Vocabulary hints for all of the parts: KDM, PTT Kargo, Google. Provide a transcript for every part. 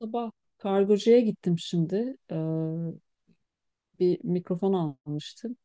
Sabah kargocuya gittim şimdi. Bir mikrofon almıştım.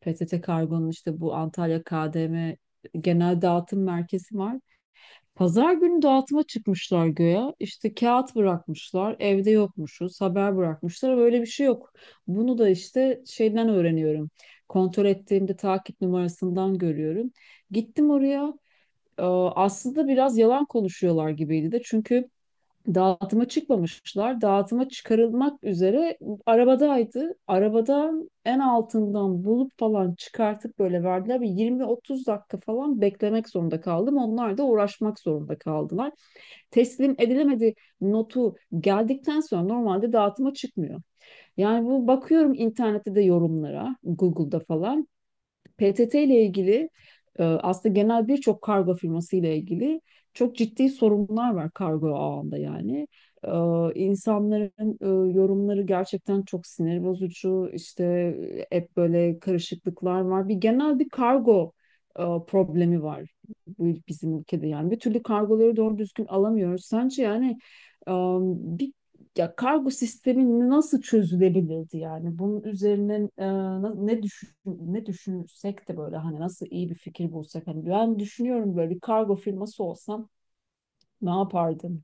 PTT Kargo'nun işte bu Antalya KDM genel dağıtım merkezi var. Pazar günü dağıtıma çıkmışlar göya. İşte kağıt bırakmışlar. Evde yokmuşuz. Haber bırakmışlar. Böyle bir şey yok. Bunu da işte şeyden öğreniyorum. Kontrol ettiğimde takip numarasından görüyorum. Gittim oraya. Ee, Aslında biraz yalan konuşuyorlar gibiydi de. Çünkü dağıtıma çıkmamışlar. Dağıtıma çıkarılmak üzere arabadaydı. Arabadan en altından bulup falan çıkartıp böyle verdiler. Bir 20-30 dakika falan beklemek zorunda kaldım. Onlar da uğraşmak zorunda kaldılar. Teslim edilemedi notu geldikten sonra normalde dağıtıma çıkmıyor. Yani bu bakıyorum internette de yorumlara, Google'da falan. PTT ile ilgili aslında genel birçok kargo firması ile ilgili çok ciddi sorunlar var kargo ağında yani. E, insanların yorumları gerçekten çok sinir bozucu. İşte hep böyle karışıklıklar var. Bir genel bir kargo problemi var bu bizim ülkede yani. Bir türlü kargoları doğru düzgün alamıyoruz. Sence yani e, bir ya kargo sistemi nasıl çözülebilirdi yani? Bunun üzerine ne düşünsek de böyle hani nasıl iyi bir fikir bulsak hani ben düşünüyorum böyle bir kargo firması olsam ne yapardım?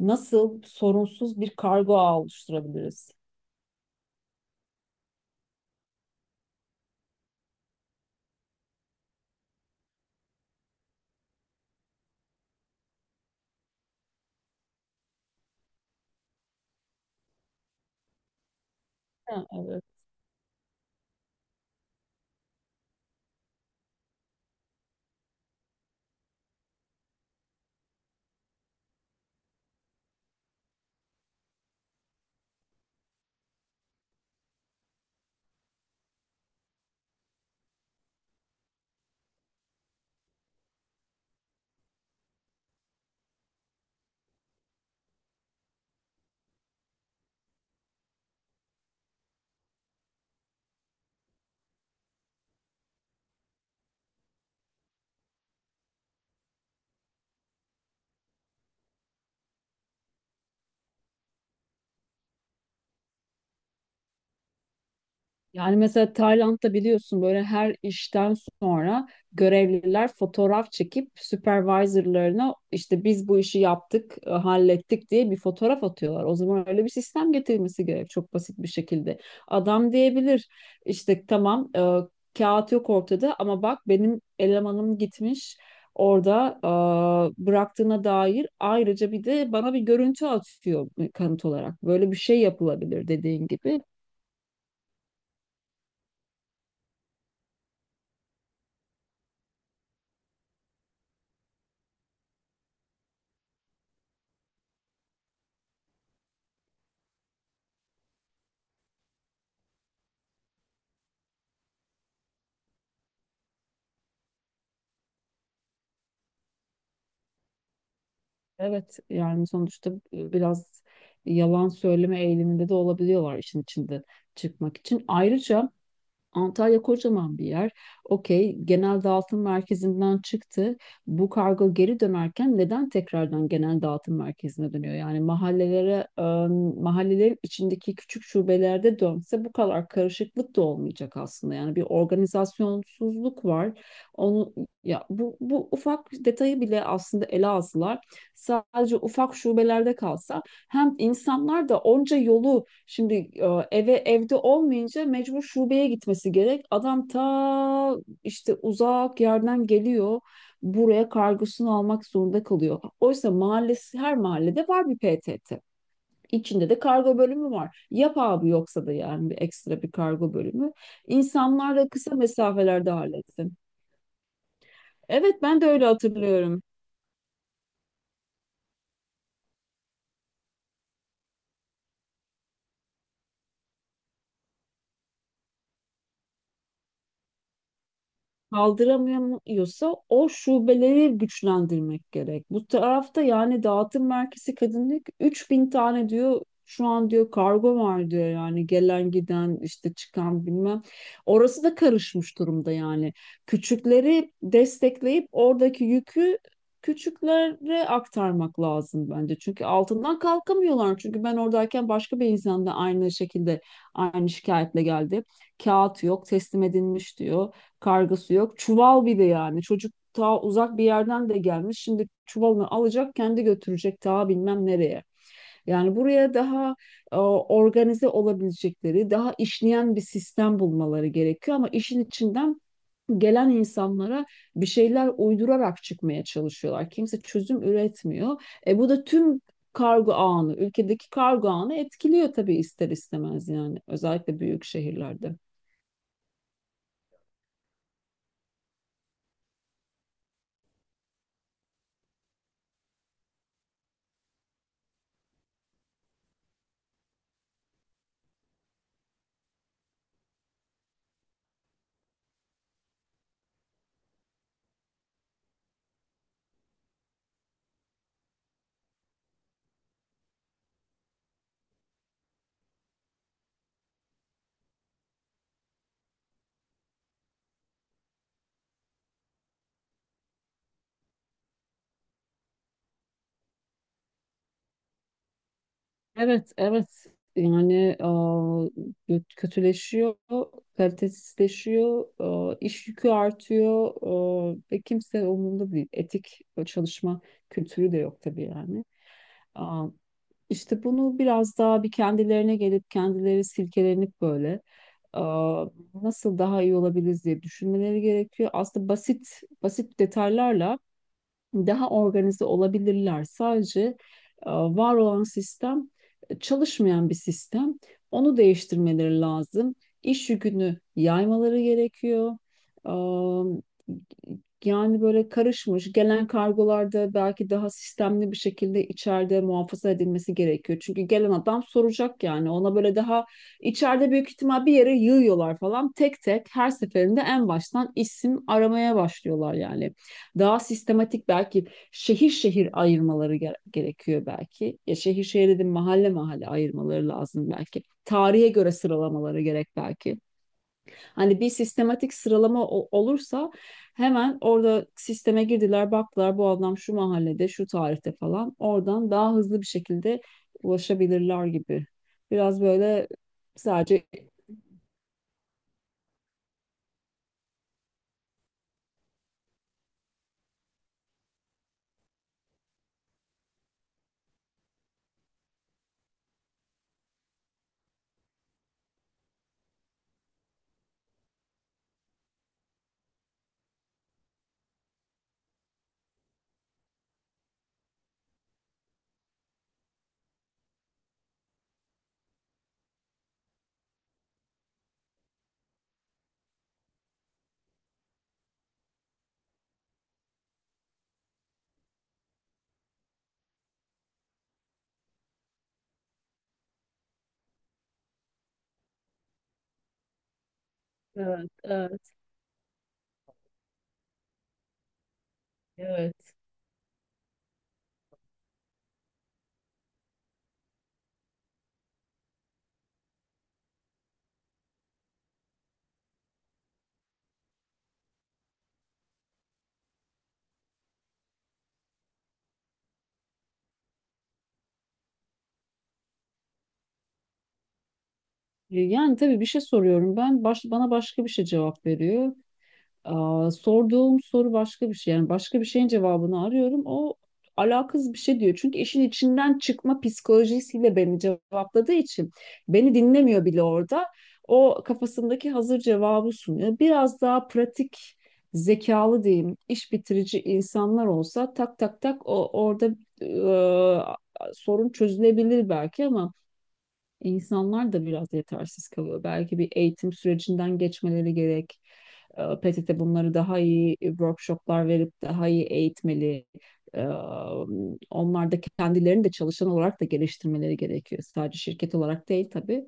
Nasıl sorunsuz bir kargo ağı oluşturabiliriz? Ha, evet. Yani mesela Tayland'da biliyorsun böyle her işten sonra görevliler fotoğraf çekip supervisorlarına işte biz bu işi yaptık, hallettik diye bir fotoğraf atıyorlar. O zaman öyle bir sistem getirilmesi gerek çok basit bir şekilde. Adam diyebilir işte tamam kağıt yok ortada ama bak benim elemanım gitmiş orada bıraktığına dair ayrıca bir de bana bir görüntü atıyor kanıt olarak. Böyle bir şey yapılabilir dediğin gibi. Evet, yani sonuçta biraz yalan söyleme eğiliminde de olabiliyorlar işin içinde çıkmak için. Ayrıca Antalya kocaman bir yer. Okey, genel dağıtım merkezinden çıktı. Bu kargo geri dönerken neden tekrardan genel dağıtım merkezine dönüyor? Yani mahallelere, mahallelerin içindeki küçük şubelerde dönse bu kadar karışıklık da olmayacak aslında. Yani bir organizasyonsuzluk var. Onu ya bu ufak detayı bile aslında ele alsalar sadece ufak şubelerde kalsa hem insanlar da onca yolu şimdi e, eve evde olmayınca mecbur şubeye gitmesi gerek. Adam ta işte uzak yerden geliyor. Buraya kargosunu almak zorunda kalıyor. Oysa mahallesi her mahallede var bir PTT. İçinde de kargo bölümü var. Yap abi yoksa da yani bir ekstra bir kargo bölümü. İnsanlar da kısa mesafelerde halletsin. Evet, ben de öyle hatırlıyorum. Kaldıramıyorsa o şubeleri güçlendirmek gerek. Bu tarafta yani dağıtım merkezi kadınlık 3.000 tane diyor şu an, diyor kargo var diyor, yani gelen giden işte çıkan bilmem. Orası da karışmış durumda yani. Küçükleri destekleyip oradaki yükü küçüklere aktarmak lazım bence. Çünkü altından kalkamıyorlar. Çünkü ben oradayken başka bir insan da aynı şekilde aynı şikayetle geldi. Kağıt yok, teslim edilmiş diyor. Kargısı yok. Çuval bir de yani. Çocuk ta uzak bir yerden de gelmiş. Şimdi çuvalını alacak, kendi götürecek ta bilmem nereye. Yani buraya daha organize olabilecekleri, daha işleyen bir sistem bulmaları gerekiyor ama işin içinden gelen insanlara bir şeyler uydurarak çıkmaya çalışıyorlar. Kimse çözüm üretmiyor. Bu da tüm kargo ağını, ülkedeki kargo ağını etkiliyor tabii ister istemez, yani özellikle büyük şehirlerde. Evet, evet. Yani kötüleşiyor, kalitesizleşiyor, iş yükü artıyor, ve kimse umurunda değil. Etik çalışma kültürü de yok tabii yani. Aa, işte bunu biraz daha bir kendilerine gelip kendileri silkelenip böyle aa, nasıl daha iyi olabiliriz diye düşünmeleri gerekiyor. Aslında basit basit detaylarla daha organize olabilirler. Sadece var olan sistem çalışmayan bir sistem. Onu değiştirmeleri lazım. İş yükünü yaymaları gerekiyor. E, Yani böyle karışmış gelen kargolarda belki daha sistemli bir şekilde içeride muhafaza edilmesi gerekiyor. Çünkü gelen adam soracak yani ona böyle daha içeride büyük ihtimal bir yere yığıyorlar falan, tek tek her seferinde en baştan isim aramaya başlıyorlar yani daha sistematik belki şehir şehir ayırmaları gerekiyor belki. Ya şehir şehir dedim, mahalle mahalle ayırmaları lazım belki. Tarihe göre sıralamaları gerek belki. Hani bir sistematik sıralama olursa hemen orada sisteme girdiler, baktılar bu adam şu mahallede şu tarihte falan, oradan daha hızlı bir şekilde ulaşabilirler gibi. Biraz böyle sadece. Evet, evet, evet. Yani tabii bir şey soruyorum ben, bana başka bir şey cevap veriyor. Sorduğum soru başka bir şey. Yani başka bir şeyin cevabını arıyorum. O alakasız bir şey diyor. Çünkü işin içinden çıkma psikolojisiyle beni cevapladığı için beni dinlemiyor bile orada. O kafasındaki hazır cevabı sunuyor. Biraz daha pratik, zekalı diyeyim, iş bitirici insanlar olsa tak tak tak o orada sorun çözülebilir belki ama insanlar da biraz yetersiz kalıyor. Belki bir eğitim sürecinden geçmeleri gerek. PTT bunları daha iyi workshoplar verip daha iyi eğitmeli. Ee, Onlar da kendilerini de çalışan olarak da geliştirmeleri gerekiyor. Sadece şirket olarak değil tabii.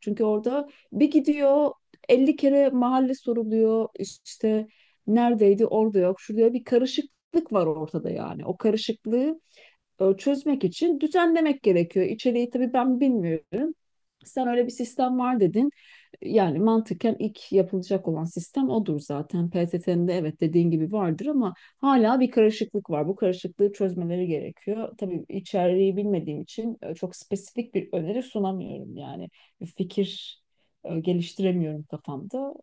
Çünkü orada bir gidiyor 50 kere mahalle soruluyor. İşte neredeydi, orada yok, şurada yok. Bir karışıklık var ortada yani. O karışıklığı çözmek için düzenlemek gerekiyor. İçeriği tabii ben bilmiyorum. Sen öyle bir sistem var dedin. Yani mantıken ilk yapılacak olan sistem odur zaten. PTT'nin de evet dediğin gibi vardır ama hala bir karışıklık var. Bu karışıklığı çözmeleri gerekiyor. Tabii içeriği bilmediğim için çok spesifik bir öneri sunamıyorum yani. Bir fikir geliştiremiyorum kafamda.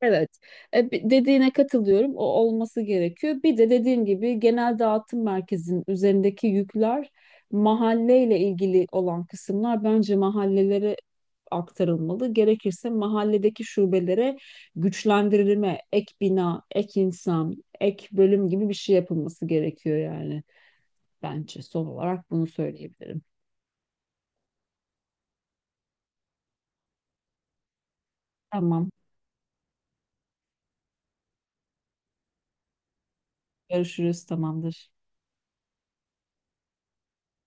Evet. Dediğine katılıyorum. O olması gerekiyor. Bir de dediğim gibi genel dağıtım merkezinin üzerindeki yükler, mahalleyle ilgili olan kısımlar bence mahallelere aktarılmalı. Gerekirse mahalledeki şubelere güçlendirilme, ek bina, ek insan, ek bölüm gibi bir şey yapılması gerekiyor yani. Bence son olarak bunu söyleyebilirim. Tamam, görüşürüz, tamamdır.